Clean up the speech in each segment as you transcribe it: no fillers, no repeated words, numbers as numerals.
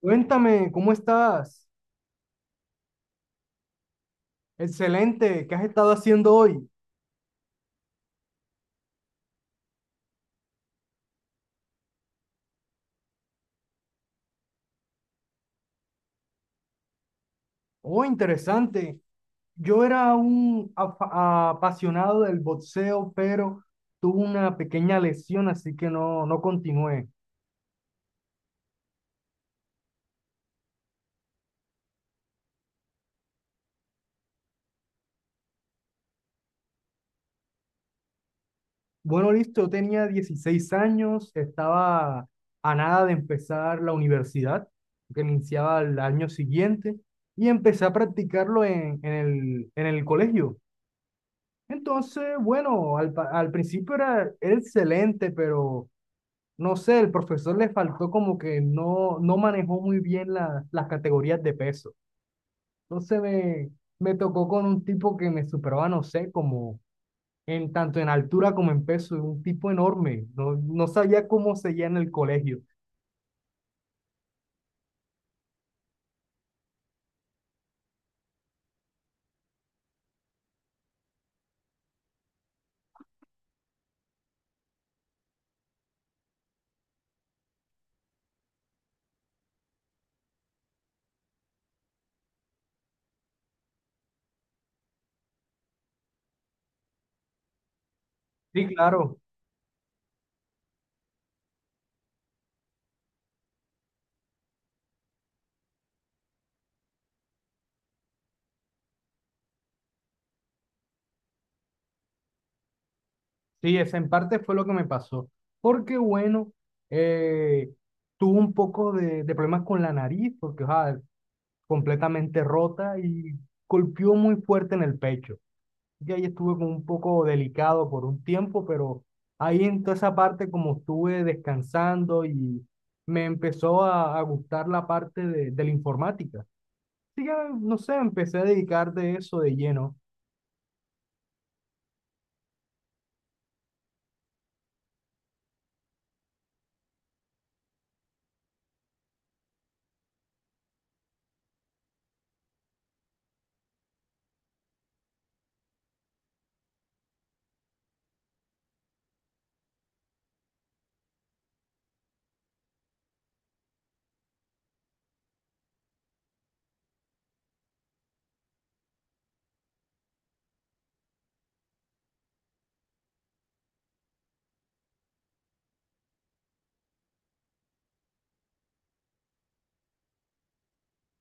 Cuéntame, ¿cómo estás? Excelente, ¿qué has estado haciendo hoy? Oh, interesante. Yo era apasionado del boxeo, pero tuve una pequeña lesión, así que no, no continué. Bueno, listo, yo tenía 16 años, estaba a nada de empezar la universidad, que iniciaba el año siguiente, y empecé a practicarlo en el colegio. Entonces, bueno, al principio era excelente, pero no sé, el profesor le faltó como que no, no manejó muy bien las categorías de peso. Entonces me, Me tocó con un tipo que me superaba, no sé, como en tanto en altura como en peso, un tipo enorme. No, no sabía cómo seguía en el colegio. Sí, claro, sí, esa en parte fue lo que me pasó. Porque bueno, eh, tuve un poco de problemas con la nariz, porque, o sea, completamente rota y golpeó muy fuerte en el pecho. Yo ahí estuve como un poco delicado por un tiempo, pero ahí en toda esa parte como estuve descansando y me empezó a gustar la parte de la informática. Así que, no sé, empecé a dedicar de eso de lleno.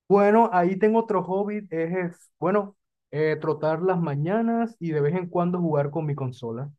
Bueno, ahí tengo otro hobby, bueno, trotar las mañanas y de vez en cuando jugar con mi consola.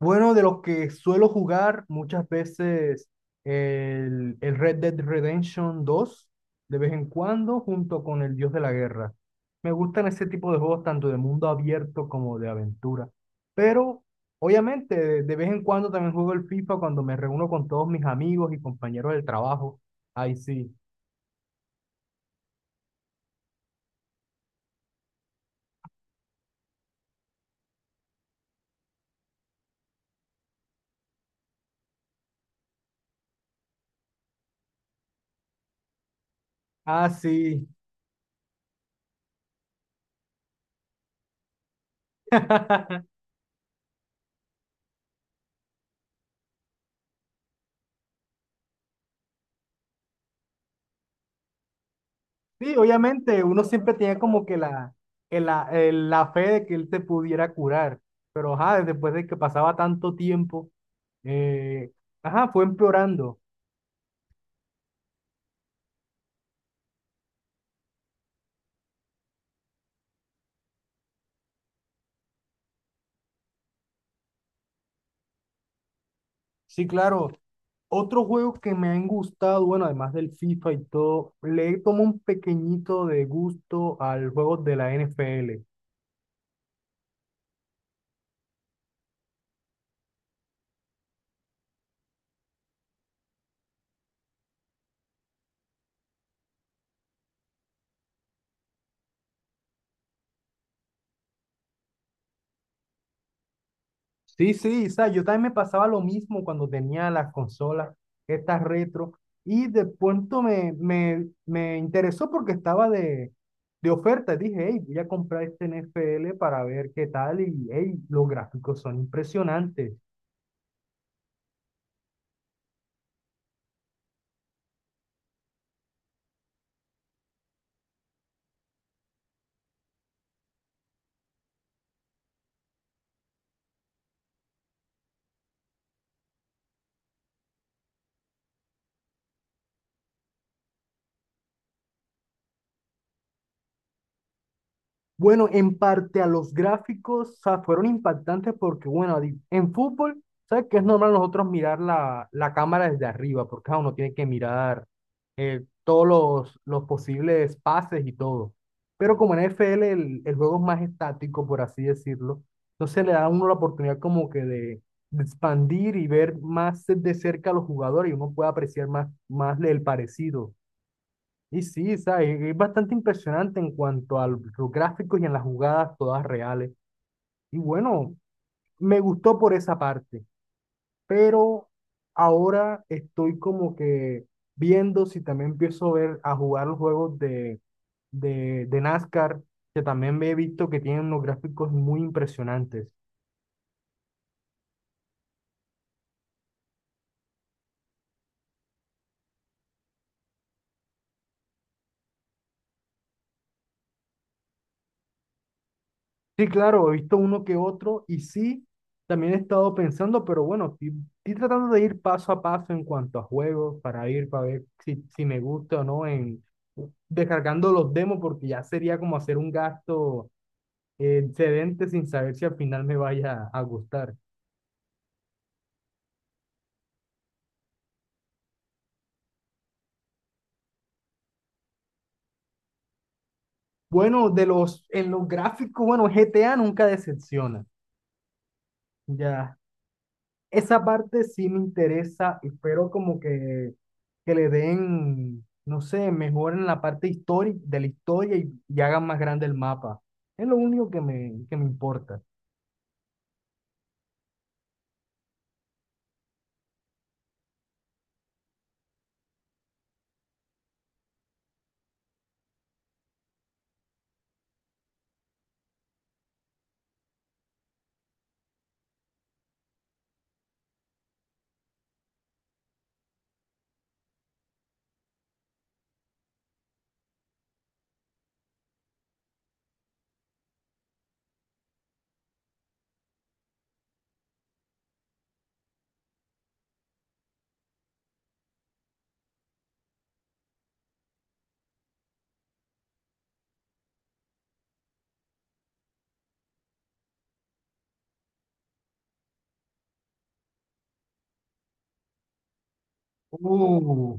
Bueno, de los que suelo jugar muchas veces el Red Dead Redemption 2 de vez en cuando, junto con el Dios de la Guerra. Me gustan ese tipo de juegos tanto de mundo abierto como de aventura. Pero, obviamente, de vez en cuando también juego el FIFA cuando me reúno con todos mis amigos y compañeros del trabajo. Ahí sí. Ah, sí. Sí, obviamente, uno siempre tenía como que la fe de que él te pudiera curar, pero ajá, después de que pasaba tanto tiempo, eh, ajá, fue empeorando. Sí, claro. Otro juego que me han gustado, bueno, además del FIFA y todo, le tomo un pequeñito de gusto al juego de la NFL. Sí, sí, o sea, yo también me pasaba lo mismo cuando tenía las consolas, estas retro, y de pronto me interesó porque estaba de oferta. Dije, hey, voy a comprar este NFL para ver qué tal, y hey, los gráficos son impresionantes. Bueno, en parte a los gráficos, o sea, fueron impactantes porque, bueno, en fútbol, ¿sabes que es normal nosotros mirar la cámara desde arriba? Porque claro, uno tiene que mirar todos los posibles pases y todo. Pero como en NFL el juego es más estático, por así decirlo, entonces le da a uno la oportunidad como que de expandir y ver más de cerca a los jugadores y uno puede apreciar más, más el parecido. Y sí, ¿sabes? Es bastante impresionante en cuanto a los gráficos y en las jugadas todas reales. Y bueno, me gustó por esa parte, pero ahora estoy como que viendo si también empiezo a ver a jugar los juegos de NASCAR, que también me he visto que tienen unos gráficos muy impresionantes. Sí, claro, he visto uno que otro y sí, también he estado pensando, pero bueno, estoy tratando de ir paso a paso en cuanto a juegos para ir, para ver si me gusta o no, en descargando los demos, porque ya sería como hacer un gasto excedente sin saber si al final me vaya a gustar. Bueno, de los, en los gráficos, bueno, GTA nunca decepciona. Ya esa parte sí me interesa, espero como que le den, no sé, mejoren la parte histórica de la historia y hagan más grande el mapa. Es lo único que me importa. Uh,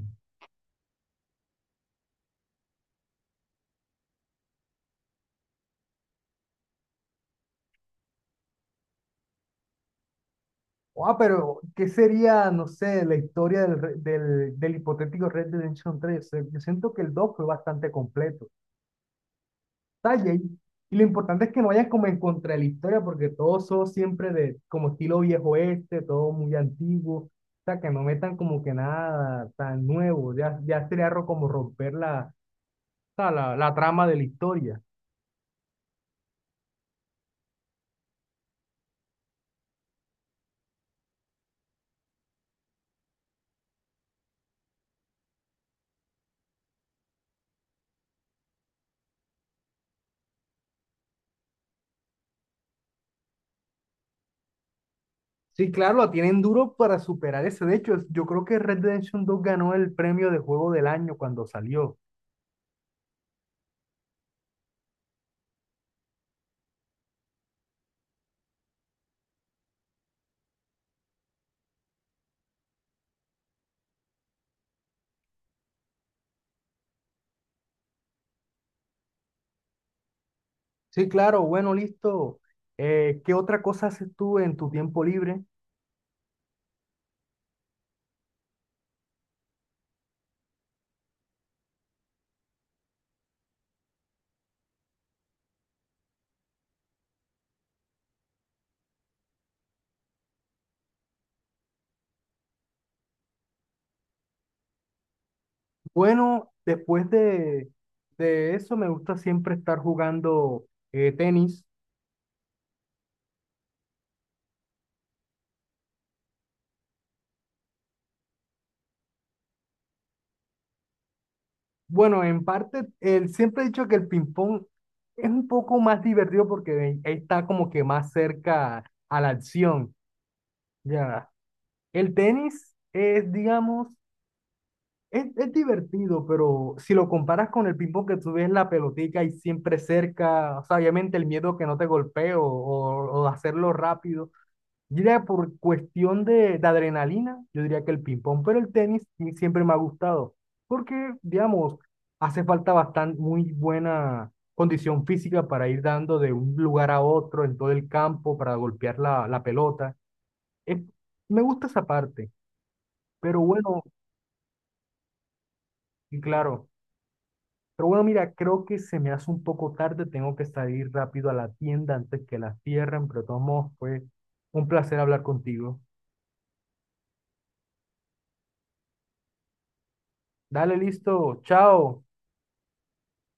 ah, pero ¿qué sería, no sé, la historia del hipotético Red Dead Redemption 3? Yo siento que el 2 fue bastante completo. Detalles. Y lo importante es que no vayas como en contra de la historia, porque todos son siempre de como estilo viejo este, todo muy antiguo. O sea, que no metan como que nada tan nuevo. Ya, ya sería como romper la, o sea, la trama de la historia. Sí, claro, la tienen duro para superar ese. De hecho, yo creo que Red Dead Redemption 2 ganó el premio de juego del año cuando salió. Sí, claro, bueno, listo. ¿Qué otra cosa haces tú en tu tiempo libre? Bueno, después de eso me gusta siempre estar jugando tenis. Bueno, en parte, siempre he dicho que el ping-pong es un poco más divertido porque está como que más cerca a la acción. Ya, el tenis es, digamos, es divertido, pero si lo comparas con el ping-pong que tú ves la pelotica y siempre cerca, o sea, obviamente el miedo que no te golpee o hacerlo rápido. Yo diría por cuestión de adrenalina, yo diría que el ping-pong, pero el tenis sí siempre me ha gustado, porque, digamos, hace falta bastante, muy buena condición física para ir dando de un lugar a otro en todo el campo, para golpear la pelota. Es- Me gusta esa parte, pero bueno, y claro, pero bueno, mira, creo que se me hace un poco tarde, tengo que salir rápido a la tienda antes que la cierren, pero de todos modos fue un placer hablar contigo. Dale, listo, chao.